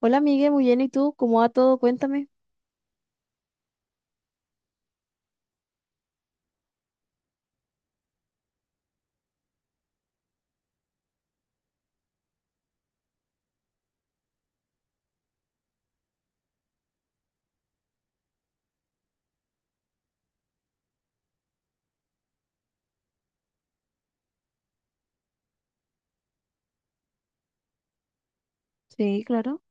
Hola, Miguel, muy bien. ¿Y tú? ¿Cómo va todo? Cuéntame. Sí, claro.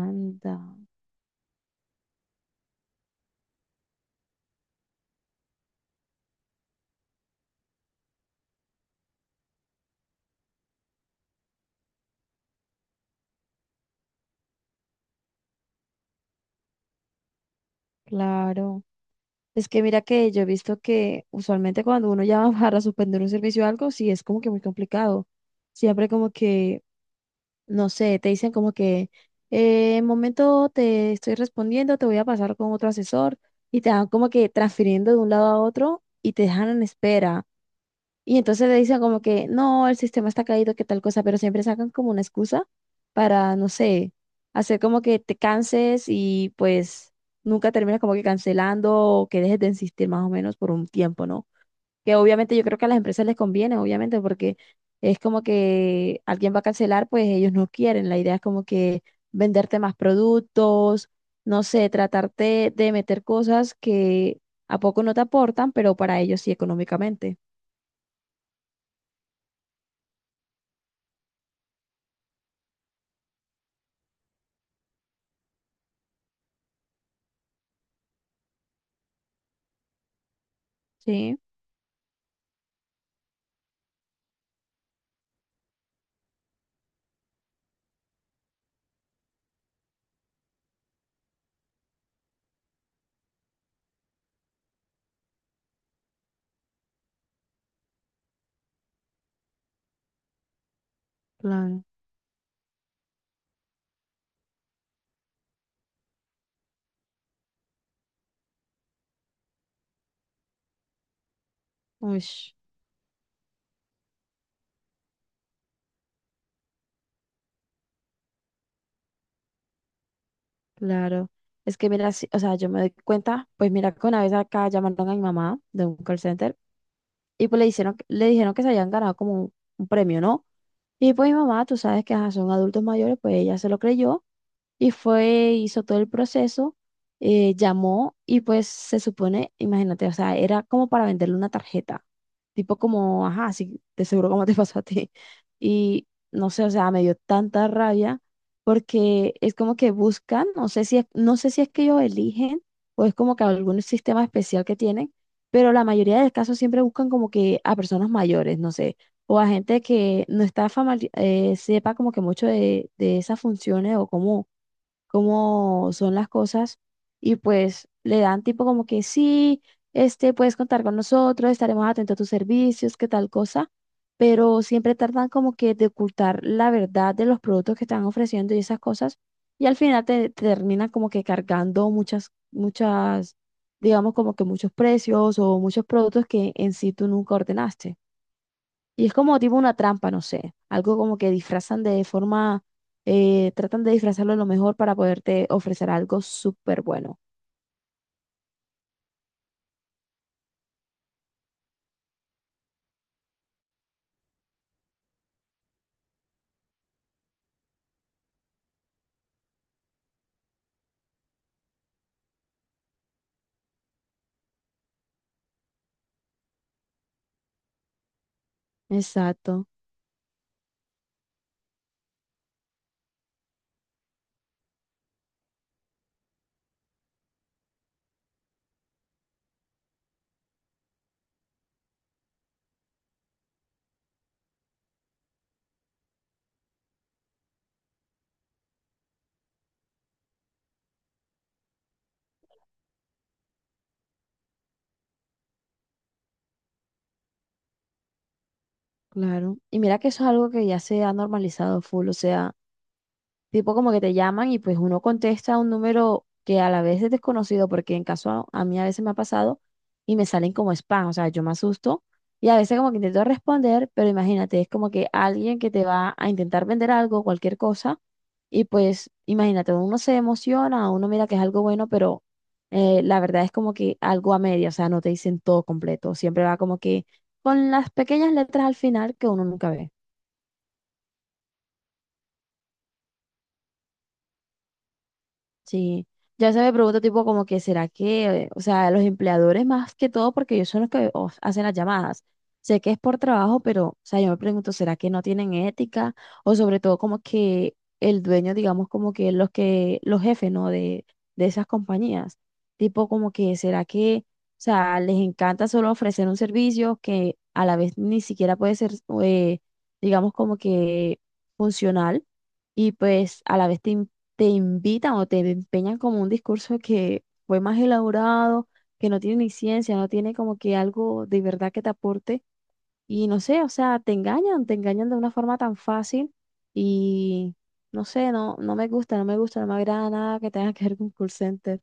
Anda, claro. Es que mira que yo he visto que usualmente cuando uno llama para suspender un servicio o algo, sí es como que muy complicado. Siempre como que, no sé, te dicen como que en momento te estoy respondiendo, te voy a pasar con otro asesor y te van como que transfiriendo de un lado a otro y te dejan en espera. Y entonces le dicen como que, no, el sistema está caído, que tal cosa, pero siempre sacan como una excusa para, no sé, hacer como que te canses y pues nunca terminas como que cancelando o que dejes de insistir más o menos por un tiempo, ¿no? Que obviamente yo creo que a las empresas les conviene, obviamente, porque es como que alguien va a cancelar, pues ellos no quieren. La idea es como que venderte más productos, no sé, tratarte de meter cosas que a poco no te aportan, pero para ellos sí económicamente. Sí. Claro, uy, claro. Es que mira, sí, o sea, yo me doy cuenta, pues mira que una vez acá llamaron a mi mamá de un call center y pues le hicieron, le dijeron que se habían ganado como un premio, ¿no? Y pues mi mamá, tú sabes que ajá, son adultos mayores, pues ella se lo creyó. Y fue, hizo todo el proceso, llamó y pues se supone, imagínate, o sea, era como para venderle una tarjeta, tipo como, ajá, sí, de seguro como te pasó a ti. Y no sé, o sea, me dio tanta rabia porque es como que buscan, no sé si es, no sé si es que ellos eligen o es como que algún sistema especial que tienen, pero la mayoría de casos siempre buscan como que a personas mayores, no sé, o a gente que no está sepa como que mucho de esas funciones o cómo cómo son las cosas y pues le dan tipo como que sí, este, puedes contar con nosotros, estaremos atentos a tus servicios, qué tal cosa, pero siempre tardan como que de ocultar la verdad de los productos que están ofreciendo y esas cosas y al final te, te terminan como que cargando muchas, muchas, digamos como que muchos precios o muchos productos que en sí tú nunca ordenaste. Y es como tipo una trampa, no sé, algo como que disfrazan de forma, tratan de disfrazarlo lo mejor para poderte ofrecer algo súper bueno. Exacto, claro. Y mira que eso es algo que ya se ha normalizado full, o sea... tipo como que te llaman y pues uno contesta un número que a la vez es desconocido, porque en caso a mí a veces me ha pasado y me salen como spam, o sea, yo me asusto y a veces como que intento responder, pero imagínate, es como que alguien que te va a intentar vender algo, cualquier cosa, y pues imagínate, uno se emociona, uno mira que es algo bueno, pero la verdad es como que algo a media, o sea, no te dicen todo completo, siempre va como que con las pequeñas letras al final que uno nunca ve. Sí, ya se me pregunta tipo como que será que, o sea, los empleadores más que todo, porque ellos son los que hacen las llamadas. Sé que es por trabajo, pero, o sea, yo me pregunto, ¿será que no tienen ética? O sobre todo como que el dueño, digamos, como que, los jefes, ¿no? De esas compañías. Tipo como que, ¿será que, o sea, les encanta solo ofrecer un servicio que a la vez ni siquiera puede ser, eh, digamos, como que funcional? Y pues a la vez te te invitan o te empeñan como un discurso que fue más elaborado, que no tiene ni ciencia, no tiene como que algo de verdad que te aporte. Y no sé, o sea, te engañan de una forma tan fácil y no sé, no, no me gusta, no me gusta, no me agrada nada que tenga que ver con call center.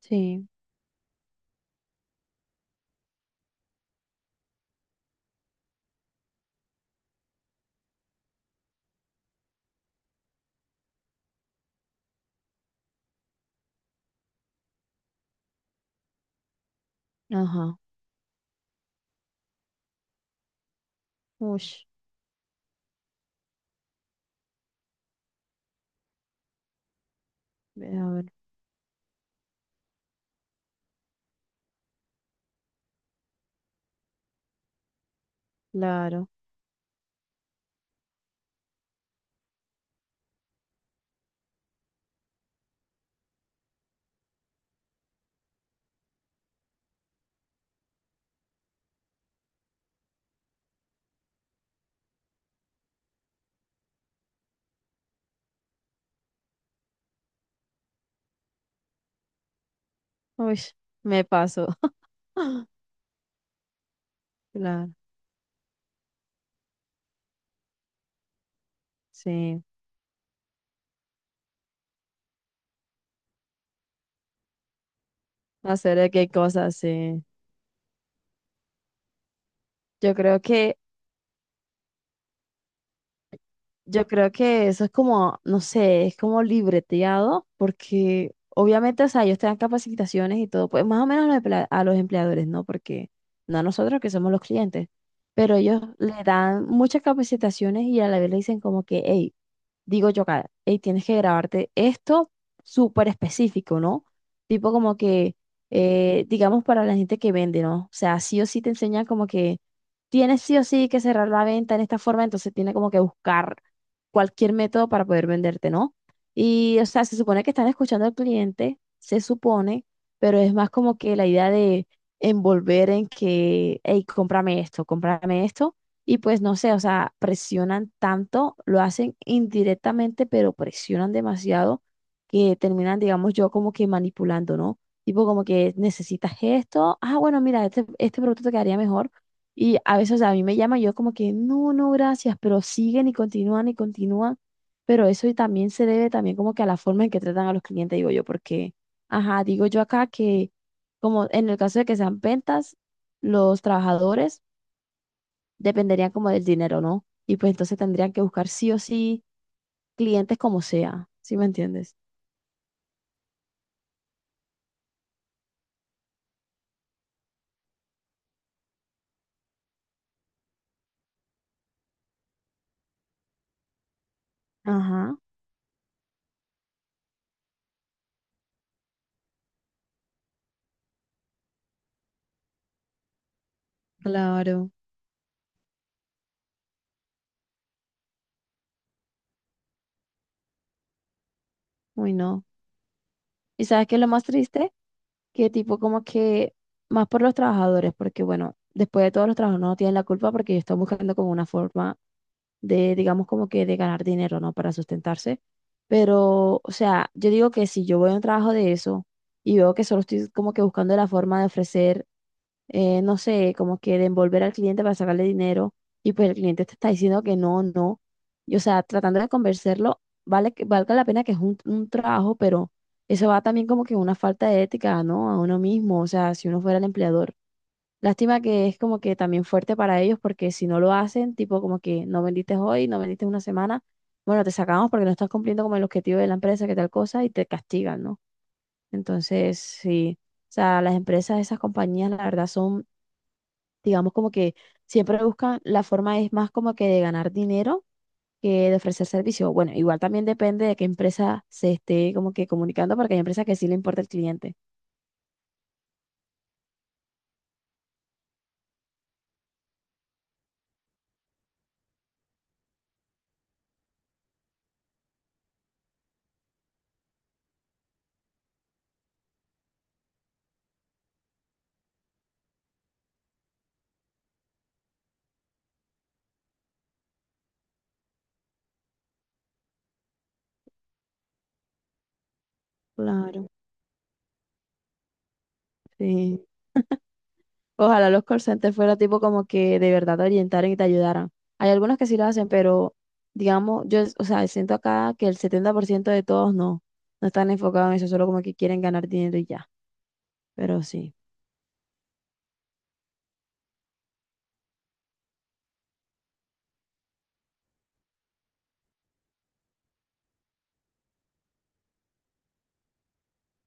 Sí, ajá. Uy, a ver, claro. Uy, me paso. Claro, sí. Hacer de qué cosas, sí. Yo creo que yo creo que eso es como, no sé, es como libreteado, porque obviamente, o sea, ellos te dan capacitaciones y todo, pues más o menos a los a los empleadores, ¿no? Porque no a nosotros que somos los clientes, pero ellos le dan muchas capacitaciones y a la vez le dicen como que, hey, digo yo acá, hey, tienes que grabarte esto súper específico, ¿no? Tipo como que, digamos para la gente que vende, ¿no? O sea, sí o sí te enseñan como que tienes sí o sí que cerrar la venta en esta forma, entonces tiene como que buscar cualquier método para poder venderte, ¿no? Y, o sea, se supone que están escuchando al cliente, se supone, pero es más como que la idea de envolver en que, hey, cómprame esto, y pues no sé, o sea, presionan tanto, lo hacen indirectamente, pero presionan demasiado que terminan, digamos yo, como que manipulando, ¿no? Tipo como que necesitas esto, ah, bueno, mira, este producto te quedaría mejor y a veces a mí me llama, yo como que, no, no, gracias, pero siguen y continúan y continúan. Pero eso y también se debe también como que a la forma en que tratan a los clientes, digo yo, porque, ajá, digo yo acá que como en el caso de que sean ventas, los trabajadores dependerían como del dinero, ¿no? Y pues entonces tendrían que buscar sí o sí clientes como sea, ¿sí me entiendes? Ajá, claro. Uy, no. ¿Y sabes qué es lo más triste? Que tipo como que más por los trabajadores, porque bueno, después de todo los trabajadores no tienen la culpa porque están buscando como una forma de, digamos como que de ganar dinero, ¿no? Para sustentarse. Pero, o sea, yo digo que si yo voy a un trabajo de eso y veo que solo estoy como que buscando la forma de ofrecer no sé, como que de envolver al cliente para sacarle dinero y pues el cliente te está diciendo que no, no. Y o sea, tratando de convencerlo, vale que valga la pena que es un trabajo, pero eso va también como que una falta de ética, ¿no? A uno mismo, o sea, si uno fuera el empleador. Lástima que es como que también fuerte para ellos porque si no lo hacen, tipo como que no vendiste hoy, no vendiste una semana, bueno, te sacamos porque no estás cumpliendo como el objetivo de la empresa, que tal cosa, y te castigan, ¿no? Entonces, sí. O sea, las empresas, esas compañías, la verdad, son digamos como que siempre buscan la forma es más como que de ganar dinero que de ofrecer servicio. Bueno, igual también depende de qué empresa se esté como que comunicando, porque hay empresas que sí le importa el cliente. Claro, sí. Ojalá los call centers fuera tipo como que de verdad te orientaran y te ayudaran. Hay algunos que sí lo hacen, pero digamos, yo, o sea, siento acá que el 70% de todos no, no están enfocados en eso, solo como que quieren ganar dinero y ya. Pero sí,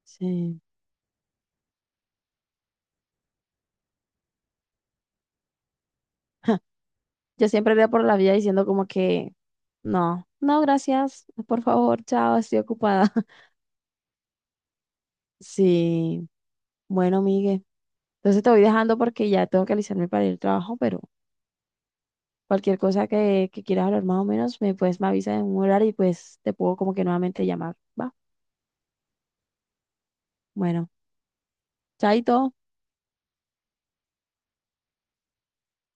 sí. Yo siempre iría por la vida diciendo como que, no, no, gracias, por favor, chao, estoy ocupada. Sí, bueno, Miguel. Entonces te voy dejando porque ya tengo que alisarme para ir al trabajo, pero cualquier cosa que quieras hablar más o menos, me, pues me avisas en un horario y pues te puedo como que nuevamente llamar, ¿va? Bueno, chaito.